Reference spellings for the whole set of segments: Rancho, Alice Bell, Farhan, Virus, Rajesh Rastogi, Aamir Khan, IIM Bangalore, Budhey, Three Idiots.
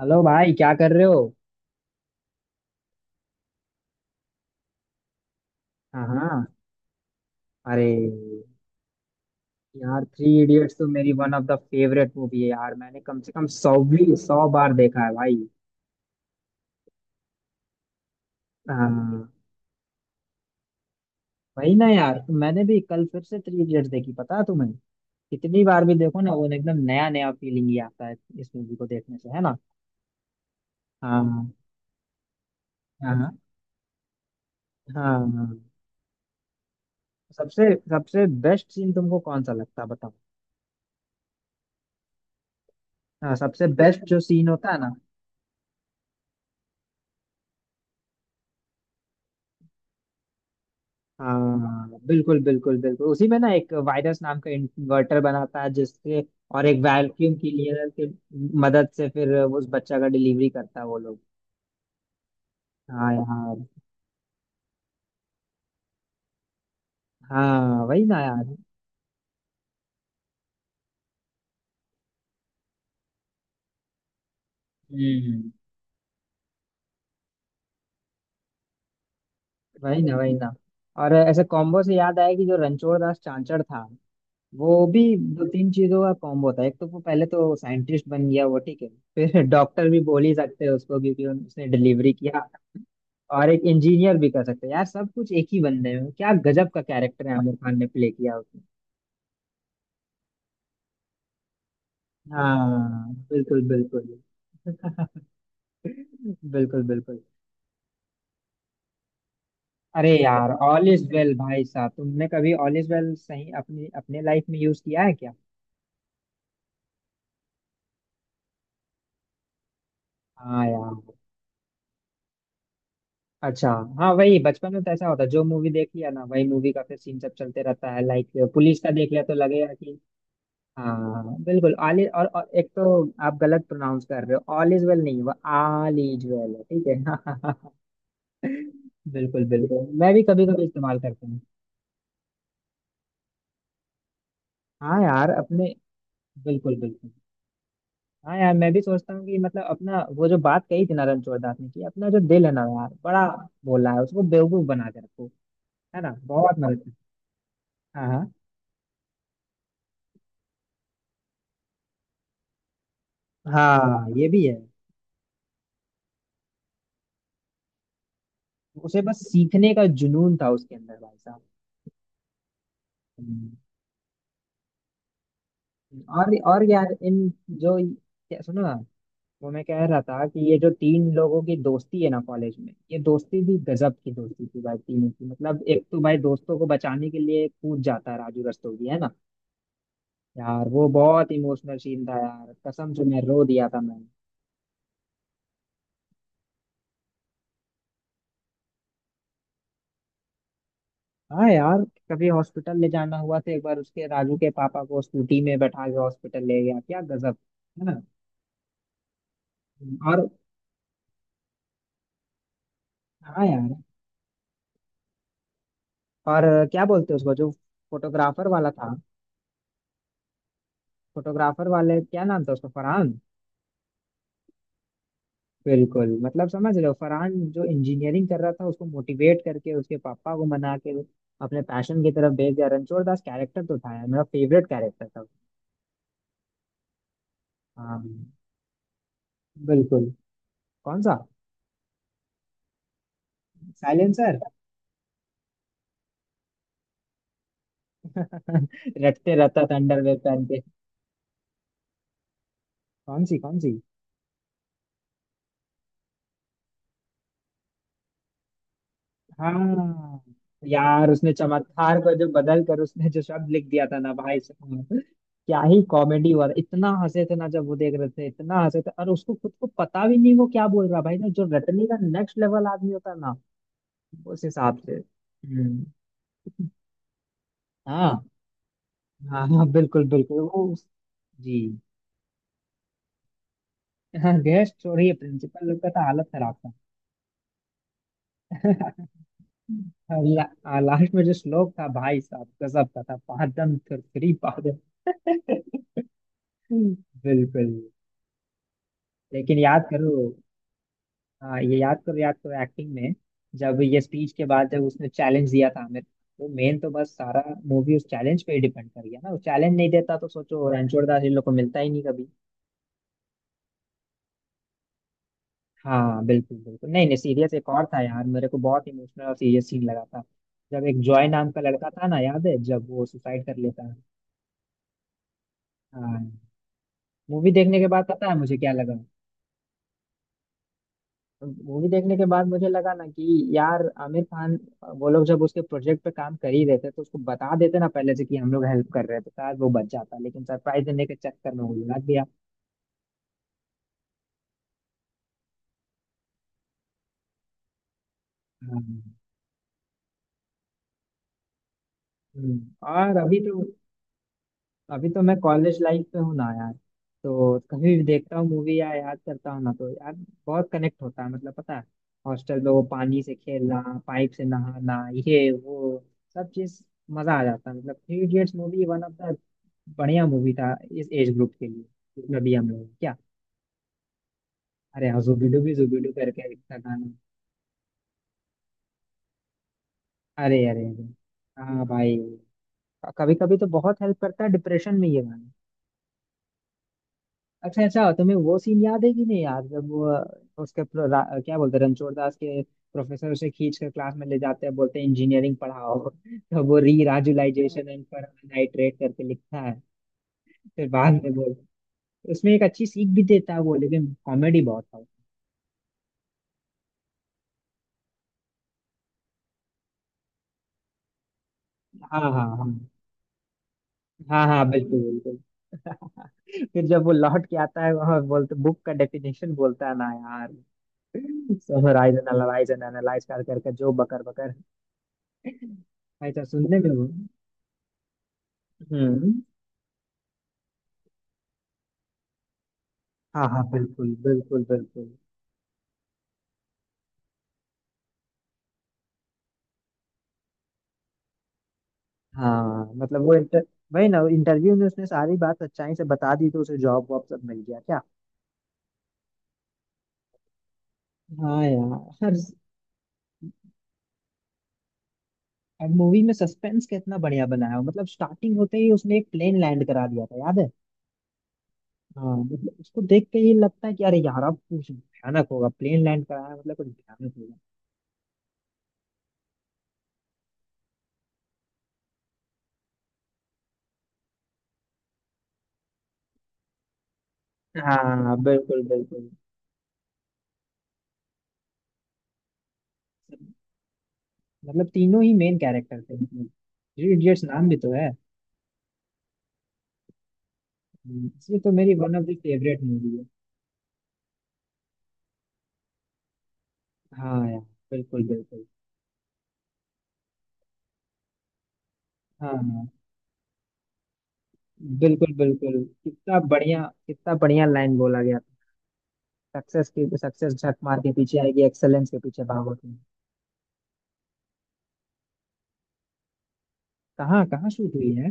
Hello भाई, क्या कर रहे हो? हाँ हाँ। अरे यार, थ्री इडियट्स तो मेरी one of the favourite movie है यार। मैंने कम से कम सौ भी सौ बार देखा है भाई। हाँ वही ना यार, मैंने भी कल फिर से थ्री इडियट्स देखी, पता है तुम्हें? कितनी बार भी देखो ना, वो एकदम नया नया फीलिंग ही आता है इस मूवी को देखने से, है ना? हाँ हाँ। हाँ हाँ। सबसे सबसे बेस्ट सीन तुमको कौन सा लगता है बताओ। हाँ, सबसे बेस्ट जो सीन होता है ना, हाँ बिल्कुल बिल्कुल बिल्कुल। उसी में ना एक वायरस नाम का इन्वर्टर बनाता है जिससे, और एक वैक्यूम क्लीनर की मदद से फिर उस बच्चा का डिलीवरी करता है वो लोग। हाँ यार। हाँ वही ना यार। हम्म। वही ना वही ना। और ऐसे कॉम्बो से याद आया कि जो रणछोड़ दास चांचड़ था, वो भी दो तीन चीजों का कॉम्बो होता है। एक तो वो पहले तो साइंटिस्ट बन गया, वो ठीक है। फिर डॉक्टर भी बोल ही सकते हैं उसको क्योंकि उसने डिलीवरी किया। और एक इंजीनियर भी कर सकते हैं यार। सब कुछ एक ही बंदे में, क्या गजब का कैरेक्टर है, आमिर खान ने प्ले किया उसमें। हाँ बिल्कुल बिल्कुल। बिल्कुल बिल्कुल। अरे यार ऑल इज वेल, भाई साहब तुमने कभी ऑल इज वेल सही अपनी अपने लाइफ में यूज किया है क्या? हाँ यार। अच्छा। हाँ, वही बचपन में तो ऐसा होता है, जो मूवी देख लिया ना वही मूवी का फिर सीन सब चलते रहता है। लाइक पुलिस का देख लिया तो लगेगा कि हाँ बिल्कुल ऑल इज। और एक तो आप गलत प्रोनाउंस कर रहे हो। ऑल इज वेल नहीं, वो ऑल इज वेल है, ठीक है। बिल्कुल बिल्कुल, मैं भी कभी कभी इस्तेमाल करता हूँ। हाँ यार अपने। बिल्कुल बिल्कुल। हाँ यार, मैं भी सोचता हूँ कि मतलब अपना वो जो बात कही थी ना रणछोड़दास ने कि अपना जो दिल है ना यार बड़ा बोला है, उसको बेवकूफ बना के रखो। है ना, बहुत मदद। हाँ हाँ। हाँ ये भी है। उसे बस सीखने का जुनून था उसके अंदर भाई साहब। हम्म। और यार इन जो, क्या सुनो ना, वो मैं कह रहा था कि ये जो तीन लोगों की दोस्ती है ना कॉलेज में, ये दोस्ती भी गजब की दोस्ती थी भाई तीनों की। मतलब एक तो भाई दोस्तों को बचाने के लिए कूद जाता है, राजू रस्तोगी है ना। यार वो बहुत इमोशनल सीन था यार, कसम से मैं रो दिया था मैंने। हाँ यार, कभी हॉस्पिटल ले जाना हुआ तो एक बार उसके राजू के पापा को स्कूटी में बैठा के हॉस्पिटल ले गया, क्या गजब है ना। और हाँ यार। और क्या बोलते हैं उसको, जो फोटोग्राफर वाला था, फोटोग्राफर वाले क्या नाम था उसका, फरहान। बिल्कुल। मतलब समझ रहे हो, फरहान जो इंजीनियरिंग कर रहा था उसको मोटिवेट करके उसके पापा को मना के अपने पैशन की तरफ भेज दिया। रणछोड़ दास कैरेक्टर तो था यार मेरा फेवरेट कैरेक्टर था। हाँ बिल्कुल। कौन सा? साइलेंसर। रटते रहता था अंडरवेयर पहन के। कौन सी कौन सी? हाँ यार उसने चमत्कार को जो बदल कर उसने जो शब्द लिख दिया था ना भाई साहब, क्या ही कॉमेडी हुआ था। इतना हंसे थे ना जब वो देख रहे थे, इतना हंसे थे। और उसको खुद को पता भी नहीं वो क्या बोल रहा भाई ना, जो रटने का नेक्स्ट लेवल आदमी होता है ना उस हिसाब से। हम्म। हाँ हाँ हाँ बिल्कुल बिल्कुल। जी। हाँ गेस्ट छोड़िए, प्रिंसिपल लोग का तो हालत खराब था। और लास्ट में जो श्लोक था भाई साहब गजब का था, पादम थुरथुरी पादम। हम्म। बिल्कुल। लेकिन याद करो। हाँ ये याद करो, याद करो एक्टिंग में, जब ये स्पीच के बाद जब उसने चैलेंज दिया था आमिर, वो मेन तो बस सारा मूवी उस चैलेंज पे ही डिपेंड कर गया ना। वो चैलेंज नहीं देता तो सोचो रणछोड़ दास इन लोग को मिलता ही नहीं कभी। हाँ बिल्कुल बिल्कुल। नहीं नहीं सीरियस एक और था यार, मेरे को बहुत इमोशनल और सीरियस सीन लगा था, जब एक जॉय नाम का लड़का था ना, याद है जब वो सुसाइड कर लेता है। हाँ। मूवी देखने के बाद पता है मुझे क्या लगा, मूवी देखने के बाद मुझे लगा ना कि यार आमिर खान, वो लोग जब उसके प्रोजेक्ट पे काम कर ही रहे थे तो उसको बता देते ना पहले से कि हम लोग हेल्प कर रहे हैं, तो शायद वो बच जाता। लेकिन सरप्राइज देने के चक्कर में वो लगा गया। हाँ। हम्म। और अभी तो, अभी तो मैं कॉलेज लाइफ पे हूँ ना यार, तो कभी भी देखता हूँ मूवी या याद करता हूँ ना तो यार बहुत कनेक्ट होता है। मतलब पता है, हॉस्टल में वो पानी से खेलना, पाइप से नहाना, ये वो सब चीज मजा आ जाता है। मतलब three idiots movie one of the बढ़िया मूवी था इस एज ग्रुप के लिए, जिसमें भी हम लोग क्या। अरे हाँ, जुबिडू भी जुबिडू करके एक था गाना। अरे अरे अरे, हाँ भाई, कभी कभी तो बहुत हेल्प करता है डिप्रेशन में ये गाना। अच्छा अच्छा, तुम्हें वो सीन याद है कि नहीं यार, जब वो क्या बोलते हैं रणछोड़ दास के प्रोफेसर उसे खींच कर क्लास में ले जाते हैं, बोलते हैं इंजीनियरिंग पढ़ाओ। तो वो री राजुलाइजेशन एंड फॉर्मलाइट्रेट करके लिखता है। फिर बाद में बोल, उसमें एक अच्छी सीख भी देता है वो, लेकिन कॉमेडी बहुत था। हाँ हाँ हाँ हाँ हाँ बिल्कुल बिल्कुल। फिर जब वो लौट के आता है वहां, बोलते बुक का डेफिनेशन बोलता है ना यार, समराइज एनालाइज एंड एनालाइज कर करके जो बकर बकर, ऐसा सुनने में वो। हम्म। हाँ हाँ बिल्कुल बिल्कुल बिल्कुल। हाँ मतलब वो इंटर, वही ना इंटरव्यू में उसने सारी बात सच्चाई से बता दी तो उसे जॉब वॉब सब मिल गया क्या। हाँ यार। हर मूवी में सस्पेंस कितना बढ़िया बनाया है। मतलब स्टार्टिंग होते ही उसने एक प्लेन लैंड करा दिया था, याद है? हाँ मतलब उसको देख के ये लगता है कि अरे यार अब कुछ भयानक होगा, प्लेन लैंड कराया है, मतलब कुछ भयानक होगा। हाँ बिल्कुल बिल्कुल। मतलब तीनों ही मेन कैरेक्टर थे, मतलब थ्री इडियट्स नाम भी तो है। इसलिए तो मेरी one of the favourite movie है। हाँ यार। बिल्कुल बिल्कुल। हाँ हाँ। बिल्कुल बिल्कुल, कितना बढ़िया, कितना बढ़िया लाइन बोला गया। सक्सेस की सक्सेस झक मार के पीछे आएगी, एक्सेलेंस के पीछे भागो तुम। कहाँ कहाँ शूट हुई है?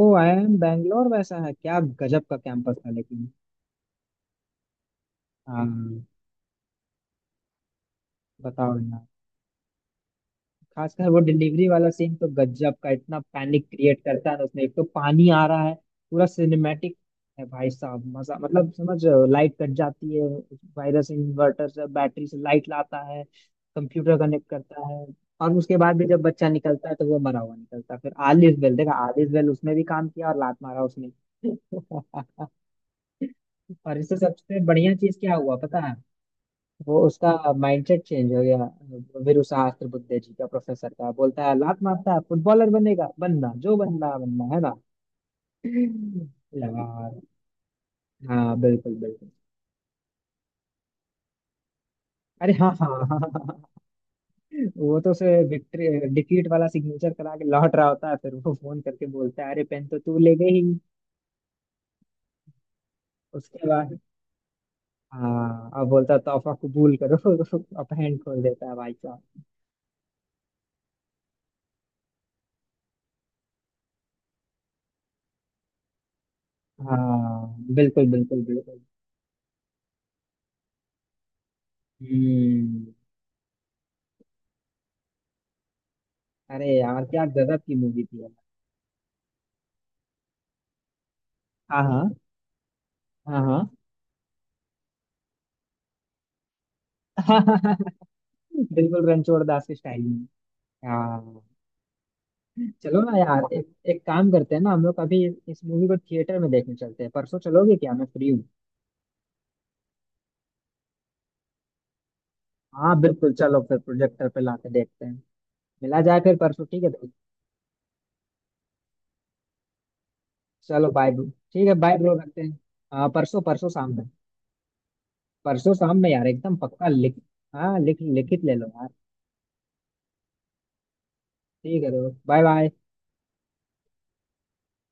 O I M बैंगलोर वैसा है क्या, गजब का कैंपस था लेकिन। हाँ बताओ यार। खासकर वो डिलीवरी वाला सीन तो गजब का, इतना पैनिक क्रिएट करता है ना उसमें। एक तो पानी आ रहा है, पूरा सिनेमैटिक है भाई साहब, मजा मतलब समझ। लाइट कट जाती है, वायरस इन्वर्टर से बैटरी से लाइट लाता है, कंप्यूटर कनेक्ट करता है। और उसके बाद भी जब बच्चा निकलता है तो वो मरा हुआ निकलता है, फिर आलिस बेल देखा आलिस बेल उसमें भी काम किया और लात मारा उसने। और इससे सबसे बढ़िया चीज क्या हुआ पता है, वो उसका माइंडसेट चेंज हो गया। वीरूशास्त्र बुद्धे जी का प्रोफेसर का, बोलता है लात मारता है, फुटबॉलर बनेगा बनना जो बनना बनना है ना यार। हाँ बिल्कुल बिल्कुल। अरे हाँ हाँ हाँ, हाँ, हाँ। हाँ। वो तो उसे विक्ट्री डिफीट वाला सिग्नेचर करा के लौट रहा होता है, फिर वो फोन करके बोलता है अरे पेन तो तू ले गई। उसके बाद हाँ, अब बोलता है, तोहफा कबूल करो। अब हैंड खोल देता है भाई साहब। हाँ बिल्कुल बिल्कुल बिल्कुल। हम्म। अरे यार क्या गजब की मूवी थी। हाँ हाँ हाँ हाँ। बिल्कुल, रणछोड़ दास के स्टाइल में। हाँ, चलो ना यार, एक एक काम करते हैं ना हम लोग, अभी इस मूवी को थिएटर में देखने चलते हैं, परसों चलोगे क्या, मैं फ्री हूँ। हाँ बिल्कुल, चलो फिर प्रोजेक्टर पे लाके देखते हैं। मिला जाए फिर परसों, ठीक है भाई। चलो बाय ब्रो। ठीक है बाय ब्रो, रखते हैं। हाँ परसों परसों शाम में। परसों शाम में यार, एकदम पक्का लिख। हाँ लिख लिखित ले लो यार। ठीक है ब्रो बाय बाय।